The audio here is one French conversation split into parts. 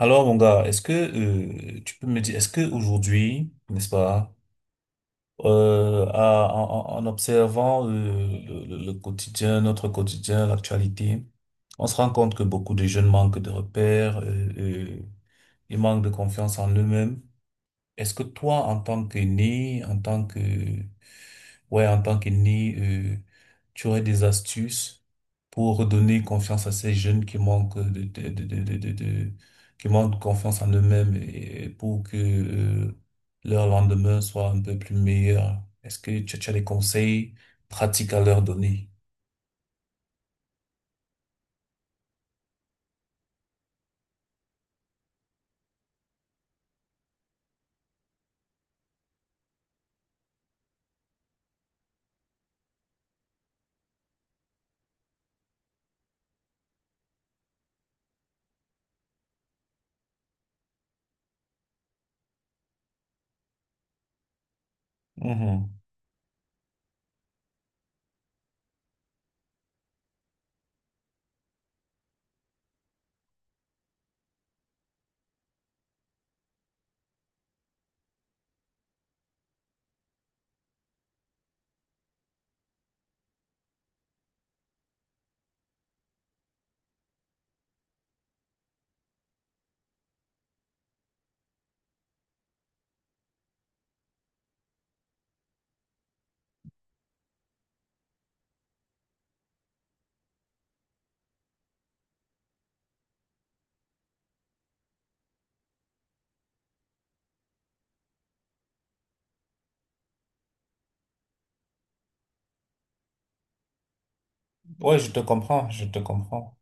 Alors, mon gars, est-ce que tu peux me dire, est-ce que aujourd'hui, n'est-ce pas, en observant le quotidien, notre quotidien, l'actualité, on se rend compte que beaucoup de jeunes manquent de repères, euh, ils manquent de confiance en eux-mêmes. Est-ce que toi, en tant que né, en tant que, ouais, en tant que né, euh, tu aurais des astuces pour redonner confiance à ces jeunes qui manquent qui manquent confiance en eux-mêmes et pour que, leur lendemain soit un peu plus meilleur? Est-ce que tu as des conseils pratique à leur donner. Mhm. Ouais, je te comprends, je te comprends.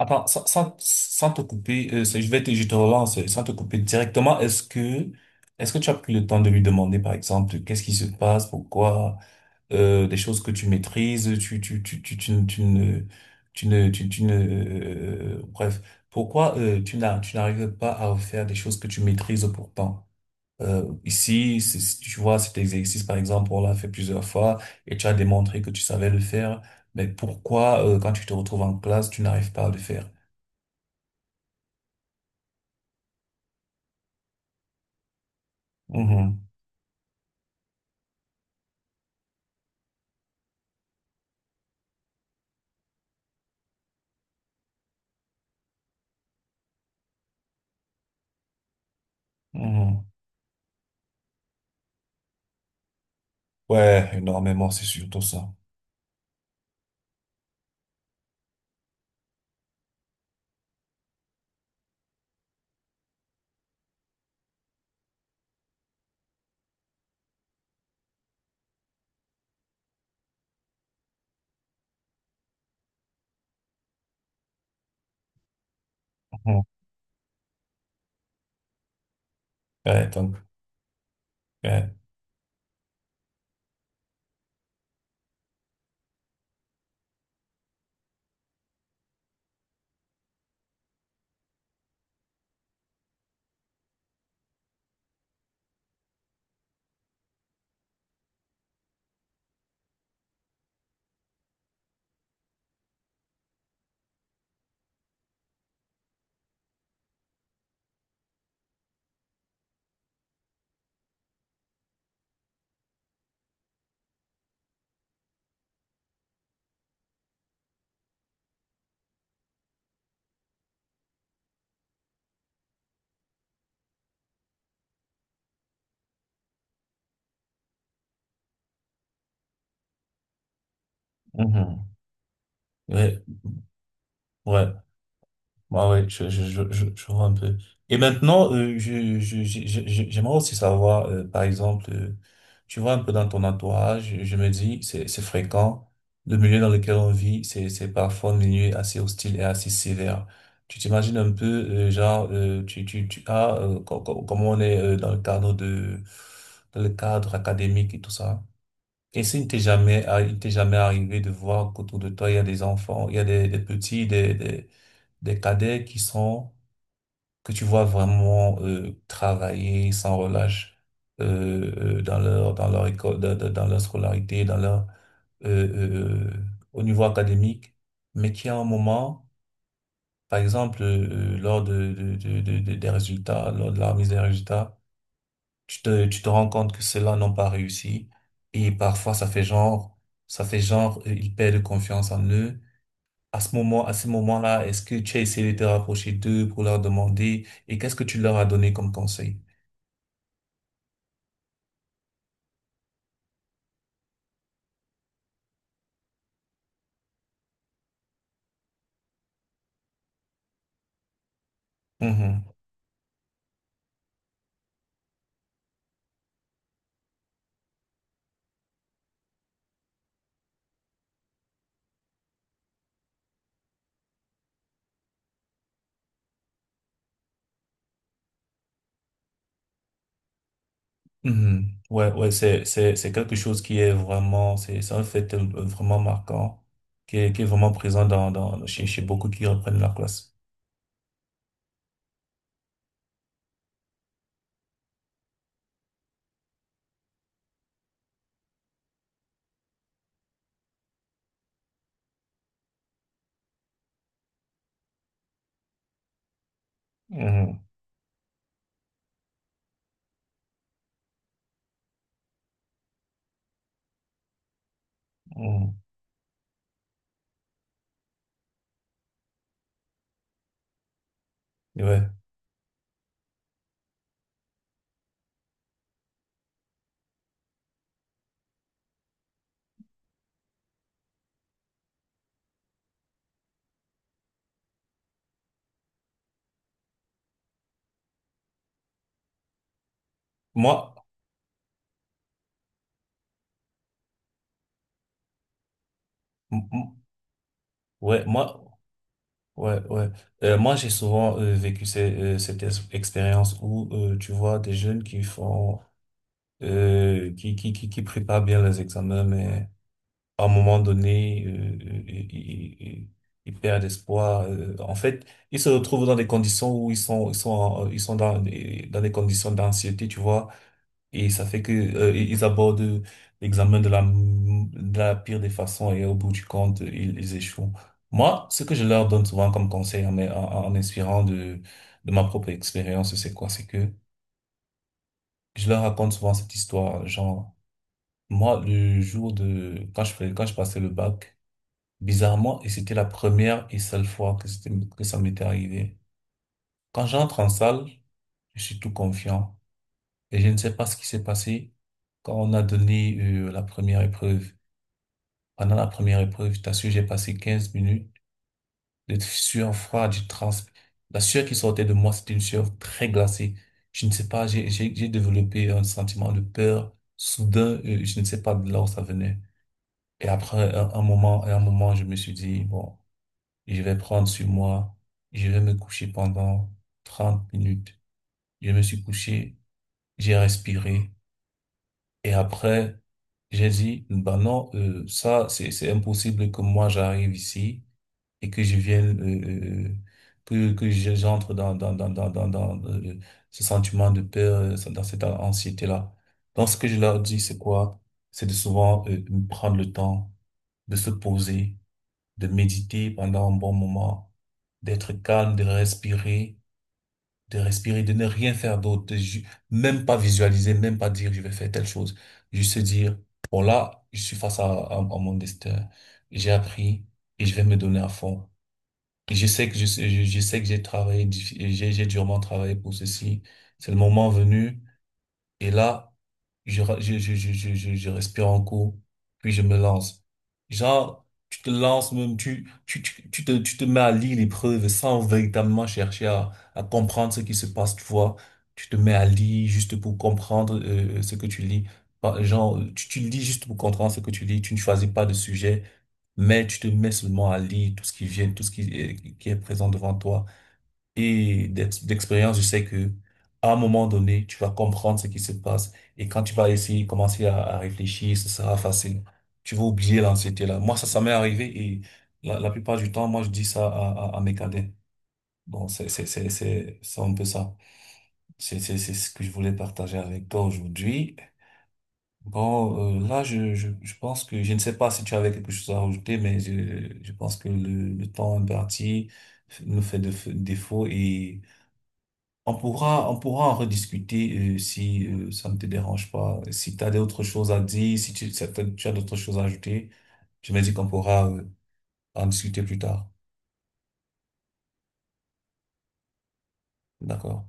Attends, sans te couper, je te relance, sans te couper directement, est-ce que tu as pris le temps de lui demander, par exemple, qu'est-ce qui se passe, pourquoi, des choses que tu maîtrises, ne, tu ne, tu ne, tu- tu ne, bref, pourquoi, tu n'arrives pas à faire des choses que tu maîtrises pourtant? Ici, tu vois, cet exercice, par exemple, on l'a fait plusieurs fois et tu as démontré que tu savais le faire, mais pourquoi, quand tu te retrouves en classe, tu n'arrives pas à le faire? Mhm, mhm. Ouais, énormément, c'est surtout ça. Mhm. Ouais, donc, ouais, mhm. Ouais, ouais, ouais, ouais, je vois un peu. Et maintenant, j'aimerais aussi savoir, par exemple, tu vois un peu dans ton entourage, me dis, c'est fréquent, le milieu dans lequel on vit, c'est parfois un milieu assez hostile et assez sévère. Tu t'imagines un peu, genre, as, comment on est dans le cadre académique et tout ça. Et s'il ne t'est jamais, arri- il t'est jamais arrivé de voir qu'autour de toi, il y a des enfants, il y a des petits, des cadets qui sont, que tu vois vraiment travailler sans relâche euh, dans leur école, dans leur scolarité, euh, euh, euh, au niveau académique, mais qui à un moment, par exemple, lors de la remise des résultats, tu te rends compte que ceux-là n'ont pas réussi. Et parfois, ça fait genre, ils perdent confiance en eux. À ce moment-là, est-ce que tu as essayé de te rapprocher d'eux pour leur demander et qu'est-ce que tu leur as donné comme conseil? Mhm. Mhm. Ouais, ouais, c'est quelque chose c'est un fait vraiment marquant, qui est vraiment présent chez beaucoup qui reprennent la classe. Mhm. Mhm. Ouais. Moi, m- m- ouais, moi, ouais, ouais. Moi, j'ai souvent vécu cette expérience où, tu vois, des jeunes qui préparent bien les examens, mais à un moment donné, ils, ils- ils- ils perdent espoir. En fait, ils se retrouvent dans des conditions où ils sont, ils sont dans des conditions d'anxiété, tu vois. Et ça fait que, ils abordent l'examen de la pire des façons et au bout du compte, ils échouent. Moi, ce que je leur donne souvent comme conseil en inspirant de ma propre expérience, c'est quoi? C'est que je leur raconte souvent cette histoire. Genre, moi, quand je passais le bac. Bizarrement, et c'était la première et seule fois que ça m'était arrivé. Quand j'entre en salle, je suis tout confiant et je ne sais pas ce qui s'est passé quand on a donné la première épreuve. Pendant la première épreuve, je t'assure, j'ai passé 15 minutes de sueur froide, du trans. La sueur qui sortait de moi, c'était une sueur très glacée. Je ne sais pas, j'ai développé un sentiment de peur soudain, je ne sais pas de là où ça venait. Et après à un moment, je me suis dit, bon, je vais prendre sur moi. Je vais me coucher pendant 30 minutes. Je me suis couché, j'ai respiré. Et après, j'ai dit, bah non, ça, c'est impossible que moi j'arrive ici et que je vienne, que je- j'entre dans ce sentiment de peur, dans cette anxiété-là. Donc, ce que je leur dis, c'est quoi? C'est de souvent, prendre le temps de se poser de méditer pendant un bon moment, d'être calme, de respirer, de ne rien faire d'autre, même pas visualiser, même pas dire je vais faire telle chose, juste se dire, bon là, je suis face à mon destin, j'ai appris et je vais me donner à fond. Et je sais que je sais que j'ai travaillé, j'ai durement travaillé pour ceci. C'est le moment venu. Et là, je, ra- je respire un coup, puis je me lance. Genre, tu te lances même, tu te mets à lire les preuves sans véritablement chercher à comprendre ce qui se passe, tu vois. Tu te mets à lire juste pour comprendre ce que tu lis. Genre, tu lis juste pour comprendre ce que tu lis. Tu ne choisis pas de sujet, mais tu te mets seulement à lire tout ce qui vient, tout ce qui est présent devant toi. Et d'expérience, je sais que à un moment donné, tu vas comprendre ce qui se passe. Et quand tu vas commencer à réfléchir, ce sera facile. Tu vas oublier l'anxiété-là. Moi, ça m'est arrivé et la plupart du temps, moi, je dis ça à mes cadets. Donc, c'est un peu ça. C'est ce que je voulais partager avec toi aujourd'hui. Bon, là, je ne sais pas si tu avais quelque chose à rajouter, mais je pense que le temps imparti nous fait défaut et on pourra en rediscuter si ça ne te dérange pas. Si tu as d'autres choses à dire, si tu, si t'as- tu as d'autres choses à ajouter, je me dis qu'on pourra en discuter plus tard. D'accord?